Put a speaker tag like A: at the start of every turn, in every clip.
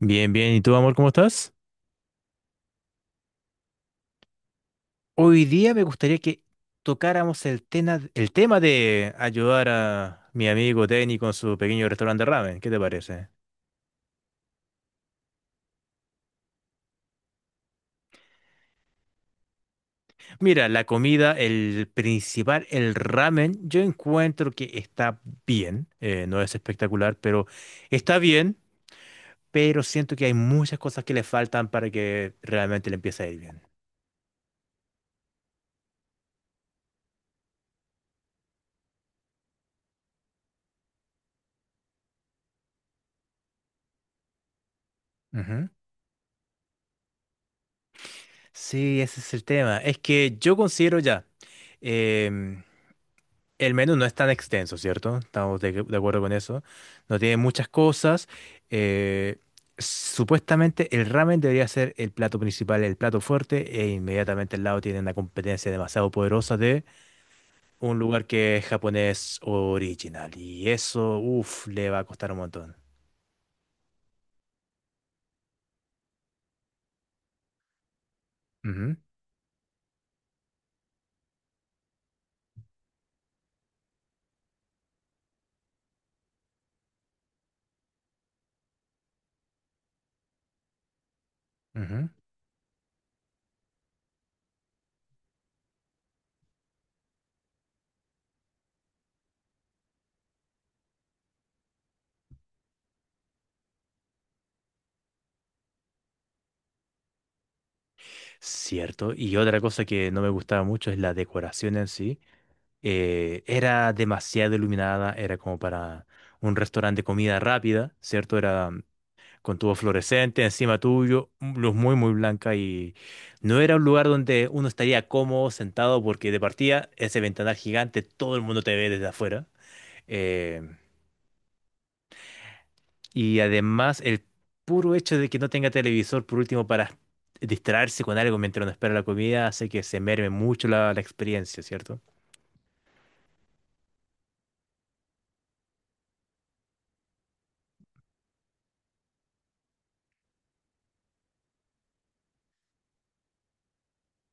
A: Bien, bien. ¿Y tú, amor, cómo estás? Hoy día me gustaría que tocáramos el tema de ayudar a mi amigo Denny con su pequeño restaurante de ramen. ¿Qué te parece? Mira, la comida, el principal, el ramen, yo encuentro que está bien. No es espectacular, pero está bien. Pero siento que hay muchas cosas que le faltan para que realmente le empiece a ir bien. Ujú. Sí, ese es el tema. Es que yo considero ya. em, El menú no es tan extenso, ¿cierto? Estamos de acuerdo con eso. No tiene muchas cosas. eh, Supuestamente el ramen debería ser el plato principal, el plato fuerte, e inmediatamente al lado tienen una competencia demasiado poderosa de un lugar que es japonés original. Y eso, uff, le va a costar un montón. Ujú, ujú. Cierto. Y otra cosa que no me gustaba mucho es la decoración en sí. Era demasiado iluminada, era como para un restaurante de comida rápida, ¿cierto? Era con tubo fluorescente encima tuyo, luz muy, muy blanca y no era un lugar donde uno estaría cómodo sentado porque de partida ese ventanal gigante, todo el mundo te ve desde afuera. Eh, y además el puro hecho de que no tenga televisor, por último, para distraerse con algo mientras uno espera la comida, hace que se merme mucho la experiencia, ¿cierto?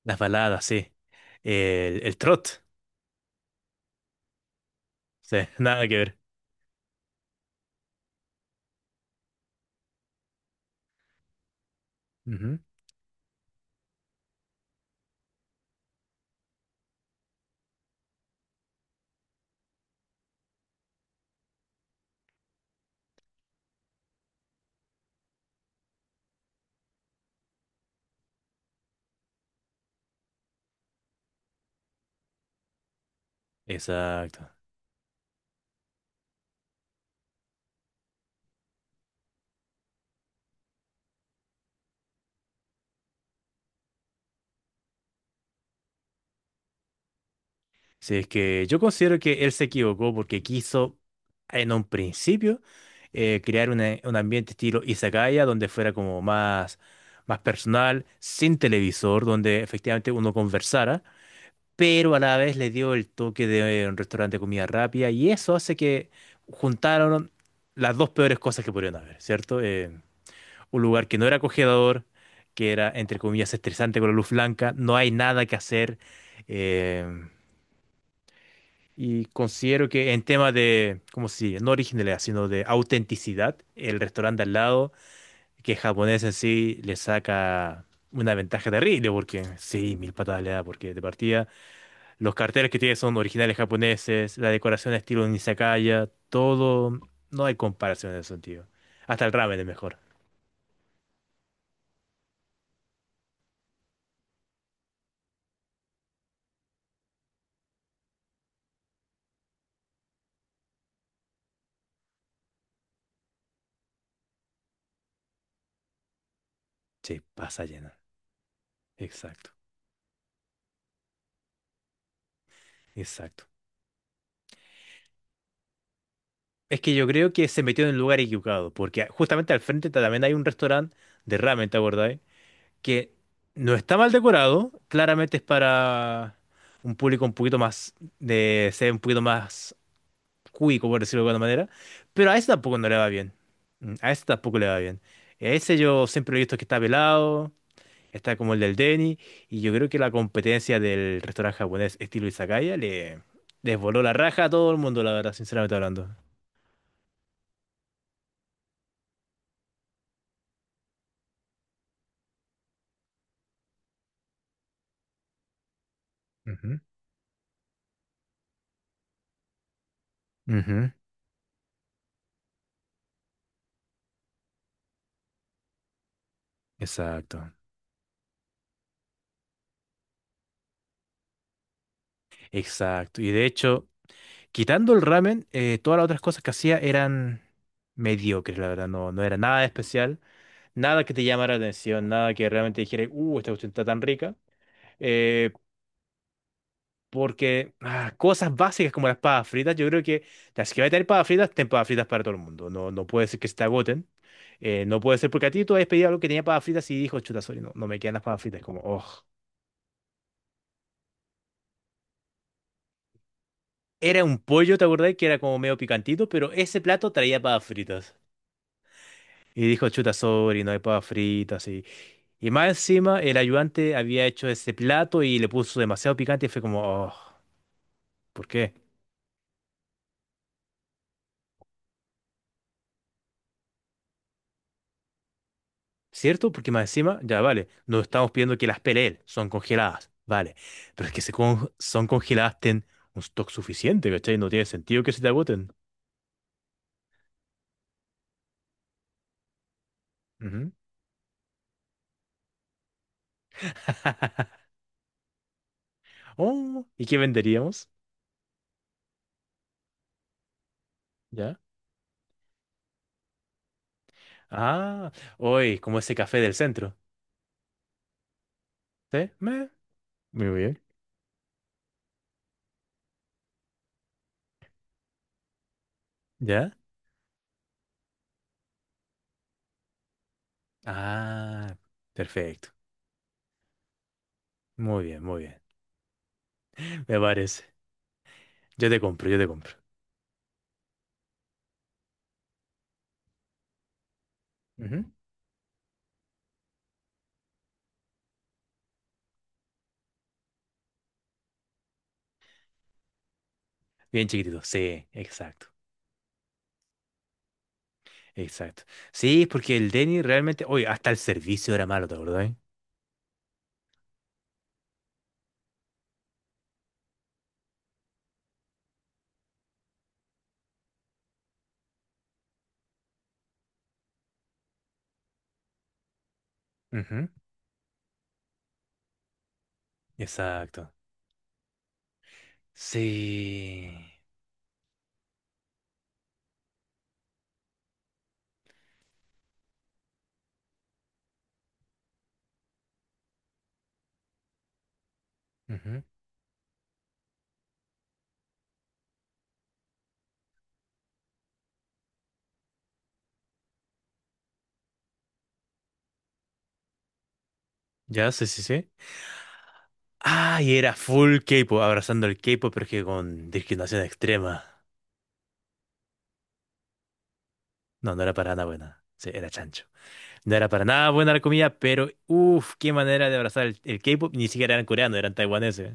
A: Las baladas, sí. El trot. Sí, nada que ver. Ujú. Exacto. Sí, es que yo considero que él se equivocó porque quiso en un principio crear un ambiente estilo izakaya donde fuera como más, más personal, sin televisor, donde efectivamente uno conversara, pero a la vez le dio el toque de un restaurante de comida rápida y eso hace que juntaron las dos peores cosas que pudieron haber, ¿cierto? Un lugar que no era acogedor, que era, entre comillas, estresante con la luz blanca, no hay nada que hacer. em, y considero que en tema de, ¿cómo se dice? No originalidad, sino de autenticidad, el restaurante al lado, que es japonés en sí, le saca una ventaja terrible, porque sí, mil patadas le da, porque de partida los carteles que tiene son originales japoneses, la decoración estilo izakaya, todo, no hay comparación en ese sentido. Hasta el ramen es mejor. Sí, pasa llena. Exacto, exacto. Es que yo creo que se metió en el lugar equivocado, porque justamente al frente también hay un restaurante de ramen, ¿te acordáis? Que no está mal decorado, claramente es para un público un poquito más de ser un poquito más cuico, por decirlo de alguna manera, pero a ese tampoco no le va bien. Mm. A ese tampoco le va bien. Ese yo siempre lo he visto que está pelado, está como el del Denny, y yo creo que la competencia del restaurante japonés estilo Izakaya le les voló la raja a todo el mundo, la verdad, sinceramente hablando. Ujú. Ujú. Exacto, exacto. Y de hecho, quitando el ramen, todas las otras cosas que hacía eran mediocres, la verdad. No, no era nada especial, nada que te llamara la atención, nada que realmente dijera, esta cuestión está tan rica. Eh, Porque ah, cosas básicas como las papas fritas, yo creo que las que va a tener papas fritas, ten papas fritas para todo el mundo. No puede ser que se te agoten. No puede ser porque a ti tú habías pedido algo que tenía papas fritas y dijo, chuta, sorry, no me quedan las papas fritas. Como, oh. Era un pollo, ¿te acordás? Que era como medio picantito, pero ese plato traía papas fritas. Y dijo, chuta, sorry, no hay papas fritas. Y más encima, el ayudante había hecho ese plato y le puso demasiado picante y fue como, oh, ¿por qué? ¿Cierto? Porque más encima, ya vale, no estamos pidiendo que las pelee él, son congeladas, vale. Pero es que se con- son congeladas, ten un stock suficiente, ¿cachai? No tiene sentido que se te agoten. Ujú. Oh, ¿y qué venderíamos? ¿Ya? Ah, hoy, como ese café del centro. ¿Sí? Meh. Muy bien. ¿Ya? Ah, perfecto. Muy bien, muy bien. Me parece. Yo te compro, yo te compro. Ujú. Bien chiquitito. Sí, exacto. Exacto. Sí, porque el Denny realmente. Oye, hasta el servicio era malo, ¿te acordás? ¿Eh? Ujú. Exacto. Sí. Ujú. Ya, sí, sí, sí. Ah, y era full K-pop, abrazando el K-pop, pero que con discriminación extrema. No, no era para nada buena. Sí, era chancho. No era para nada buena la comida, pero uff, qué manera de abrazar el K-pop. Ni siquiera eran coreanos, eran taiwaneses.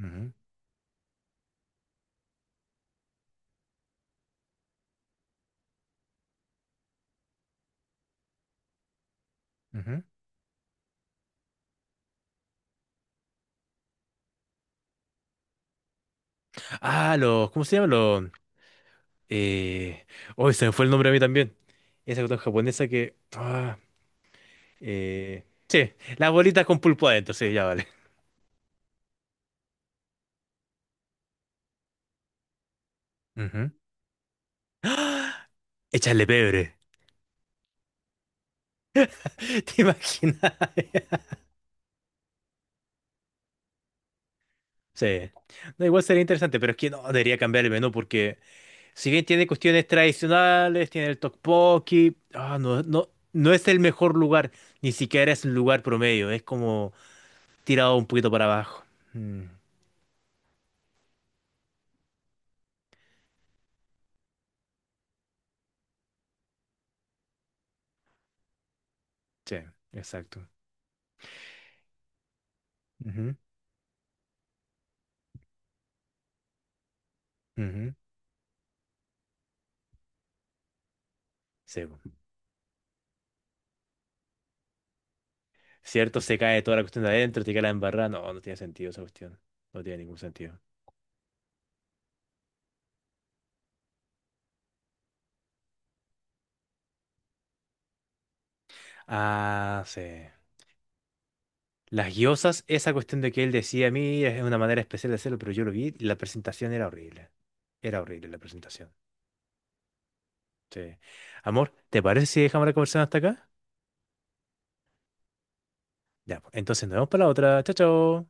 A: Ujú, ujú. Ah, los, ¿cómo se llama? Los, eh... Hoy se me fue el nombre a mí también. Esa cuestión japonesa que... ah, Sí, las bolitas con pulpo adentro, sí, ya vale. Ujú. Échale pebre. ¿Te imaginas? Sí. No, igual sería interesante, pero es que no debería cambiar el menú porque si bien tiene cuestiones tradicionales, tiene el tteokbokki, ah, no, no, no es el mejor lugar, ni siquiera es un lugar promedio, es como tirado un poquito para abajo. Mm, sí, exacto. Ujú, ujú, sí, po. Cierto, se cae toda la cuestión de adentro, te queda la embarrada, no, no tiene sentido esa cuestión, no tiene ningún sentido. Ah, sí. Las guiosas, esa cuestión de que él decía a mí es una manera especial de hacerlo, pero yo lo vi y la presentación era horrible. Era horrible la presentación. Sí. Amor, ¿te parece si dejamos la conversación hasta acá? Ya, pues, entonces nos vemos para la otra. Chao, chao.